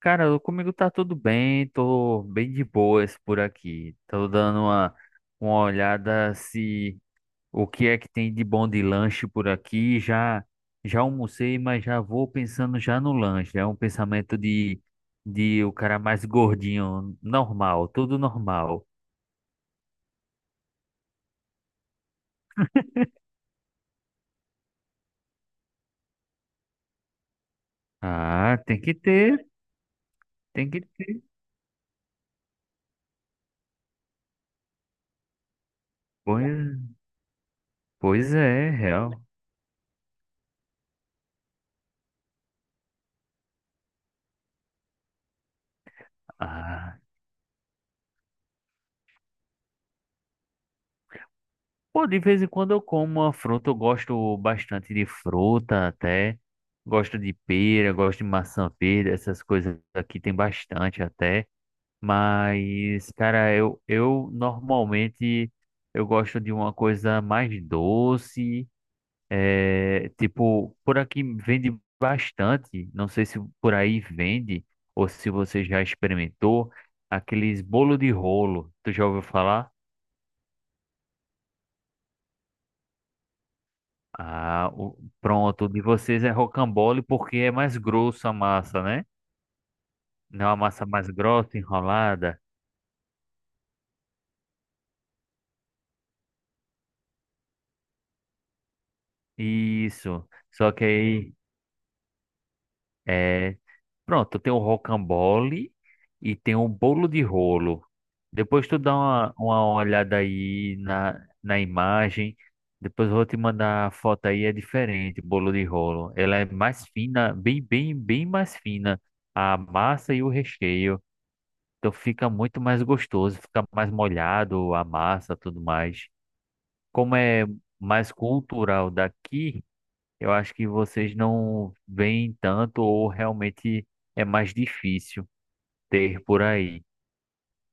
Cara, comigo tá tudo bem, tô bem de boas por aqui. Tô dando uma olhada se o que é que tem de bom de lanche por aqui. Já almocei, mas já vou pensando já no lanche. É um pensamento de o cara mais gordinho, normal, tudo normal. Ah, tem que ter, tem que ter. Pois, Pois é, real. Ah. Pô, de vez em quando eu como uma fruta, eu gosto bastante de fruta até. Gosto de pera, gosto de maçã verde, essas coisas aqui tem bastante até. Mas, cara, eu normalmente eu gosto de uma coisa mais doce. É, tipo, por aqui vende bastante. Não sei se por aí vende ou se você já experimentou aqueles bolo de rolo. Tu já ouviu falar? Ah, pronto. O de vocês é rocambole porque é mais grosso a massa, né? Não é uma massa mais grossa, enrolada. Isso. Só que aí, é... pronto, tem o rocambole e tem o bolo de rolo. Depois tu dá uma olhada aí na imagem. Depois eu vou te mandar a foto aí, é diferente, bolo de rolo. Ela é mais fina, bem mais fina. A massa e o recheio. Então fica muito mais gostoso, fica mais molhado a massa, tudo mais. Como é mais cultural daqui, eu acho que vocês não veem tanto ou realmente é mais difícil ter por aí.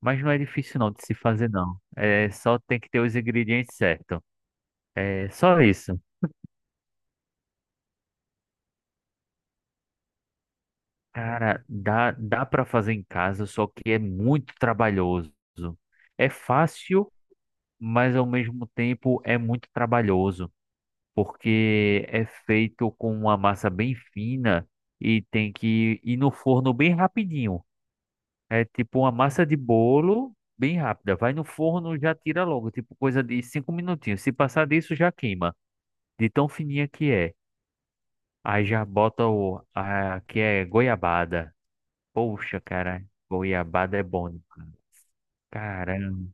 Mas não é difícil não de se fazer não. É só tem que ter os ingredientes certos. É só isso. Cara, dá para fazer em casa, só que é muito trabalhoso. É fácil, mas ao mesmo tempo é muito trabalhoso, porque é feito com uma massa bem fina e tem que ir no forno bem rapidinho. É tipo uma massa de bolo bem rápida. Vai no forno, já tira logo, tipo coisa de cinco minutinhos. Se passar disso, já queima, de tão fininha que é. Aí já bota que é goiabada. Poxa, cara, goiabada é bom demais. Caramba,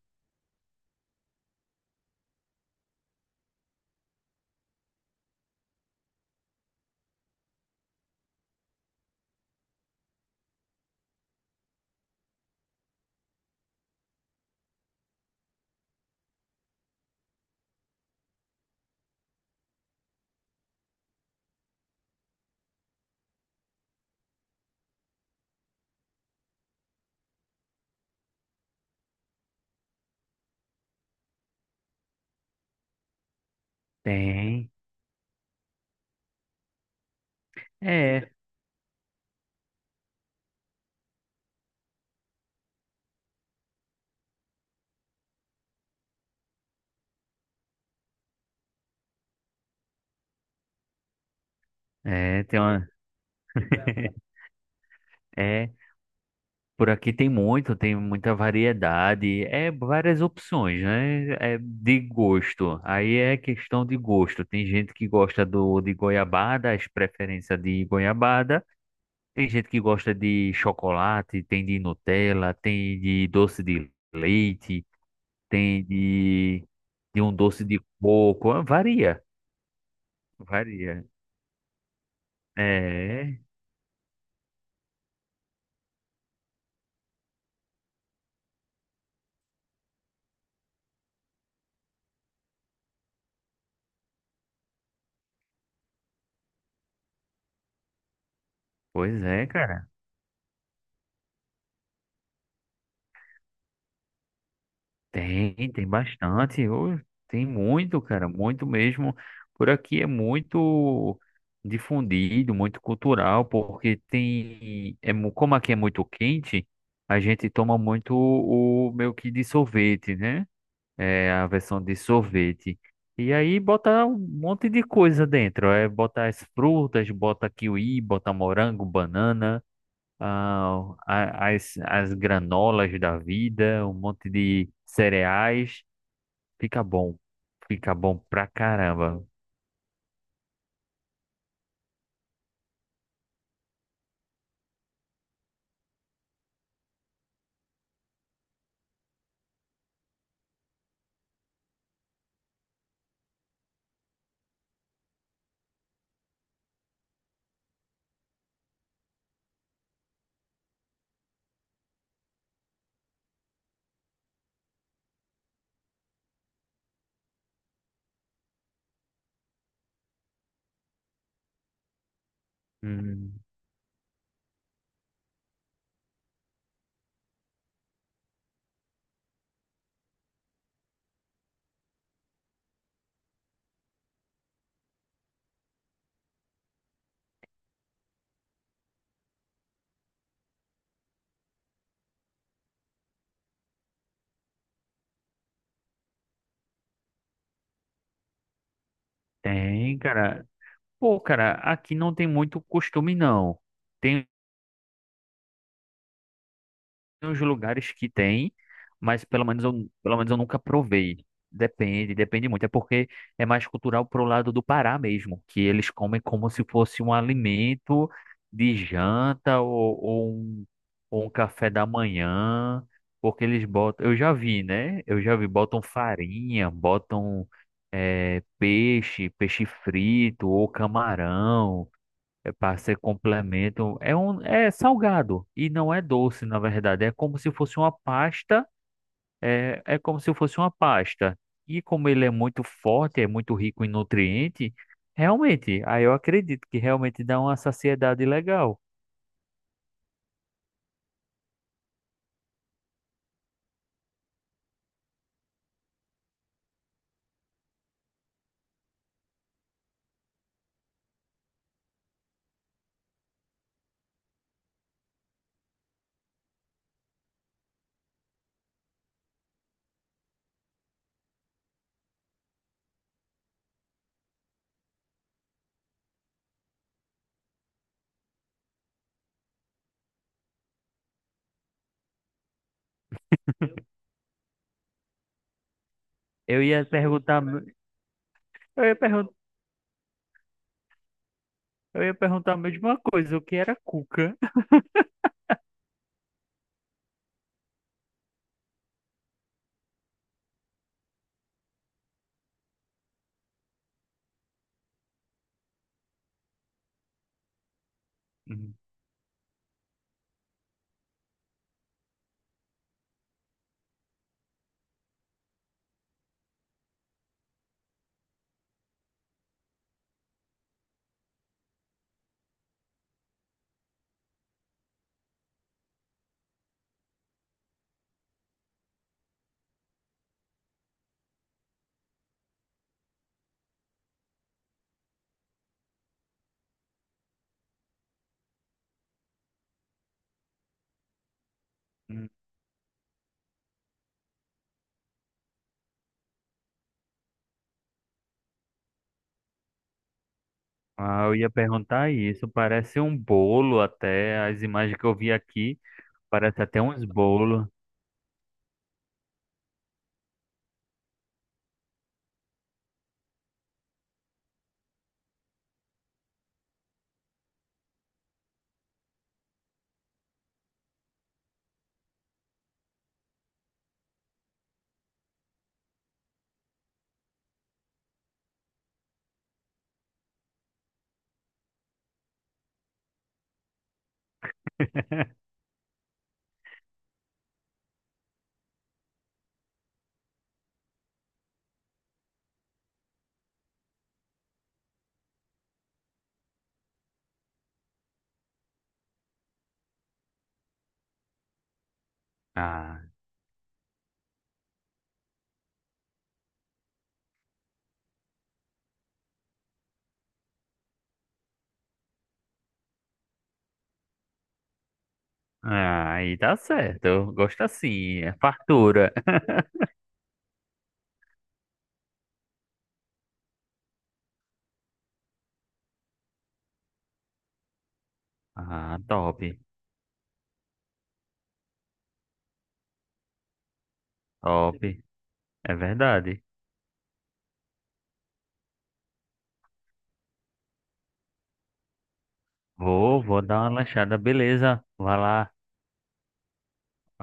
tem. É, tem uma. É. Por aqui tem muito, tem muita variedade, é várias opções, né? É de gosto. Aí é questão de gosto. Tem gente que gosta do de goiabada, as preferências de goiabada. Tem gente que gosta de chocolate, tem de Nutella, tem de doce de leite, tem de, de um doce de coco. Varia. É, pois é, cara. Tem, tem bastante. Ô, tem muito, cara, muito mesmo. Por aqui é muito difundido, muito cultural, porque como aqui é muito quente, a gente toma muito o meio que de sorvete, né? É a versão de sorvete. E aí bota um monte de coisa dentro. É, bota as frutas, bota kiwi, bota morango, banana, ah, as granolas da vida, um monte de cereais. Fica bom. Fica bom pra caramba. Hum, tem, cara. Pô, cara, aqui não tem muito costume, não. Tem Tem uns lugares que tem, mas pelo menos eu nunca provei. Depende, depende muito. É porque é mais cultural pro lado do Pará mesmo, que eles comem como se fosse um alimento de janta ou um café da manhã, porque eles botam. Eu já vi, né? Eu já vi, botam farinha, botam peixe, peixe frito ou camarão. É para ser complemento. É um, é salgado e não é doce, na verdade. É como se fosse uma pasta. É, é como se fosse uma pasta. E como ele é muito forte, é muito rico em nutriente, realmente, aí eu acredito que realmente dá uma saciedade legal. Eu ia perguntar, eu ia perguntar, eu ia perguntar a mesma coisa, o que era cuca? Hum, hum. Ah, eu ia perguntar isso. Parece um bolo até. As imagens que eu vi aqui, parece até uns bolos. Ah. Ah, aí tá certo. Eu gosto assim, é fartura. Ah, top. É verdade. Vou dar uma lanchada, beleza. Vai lá.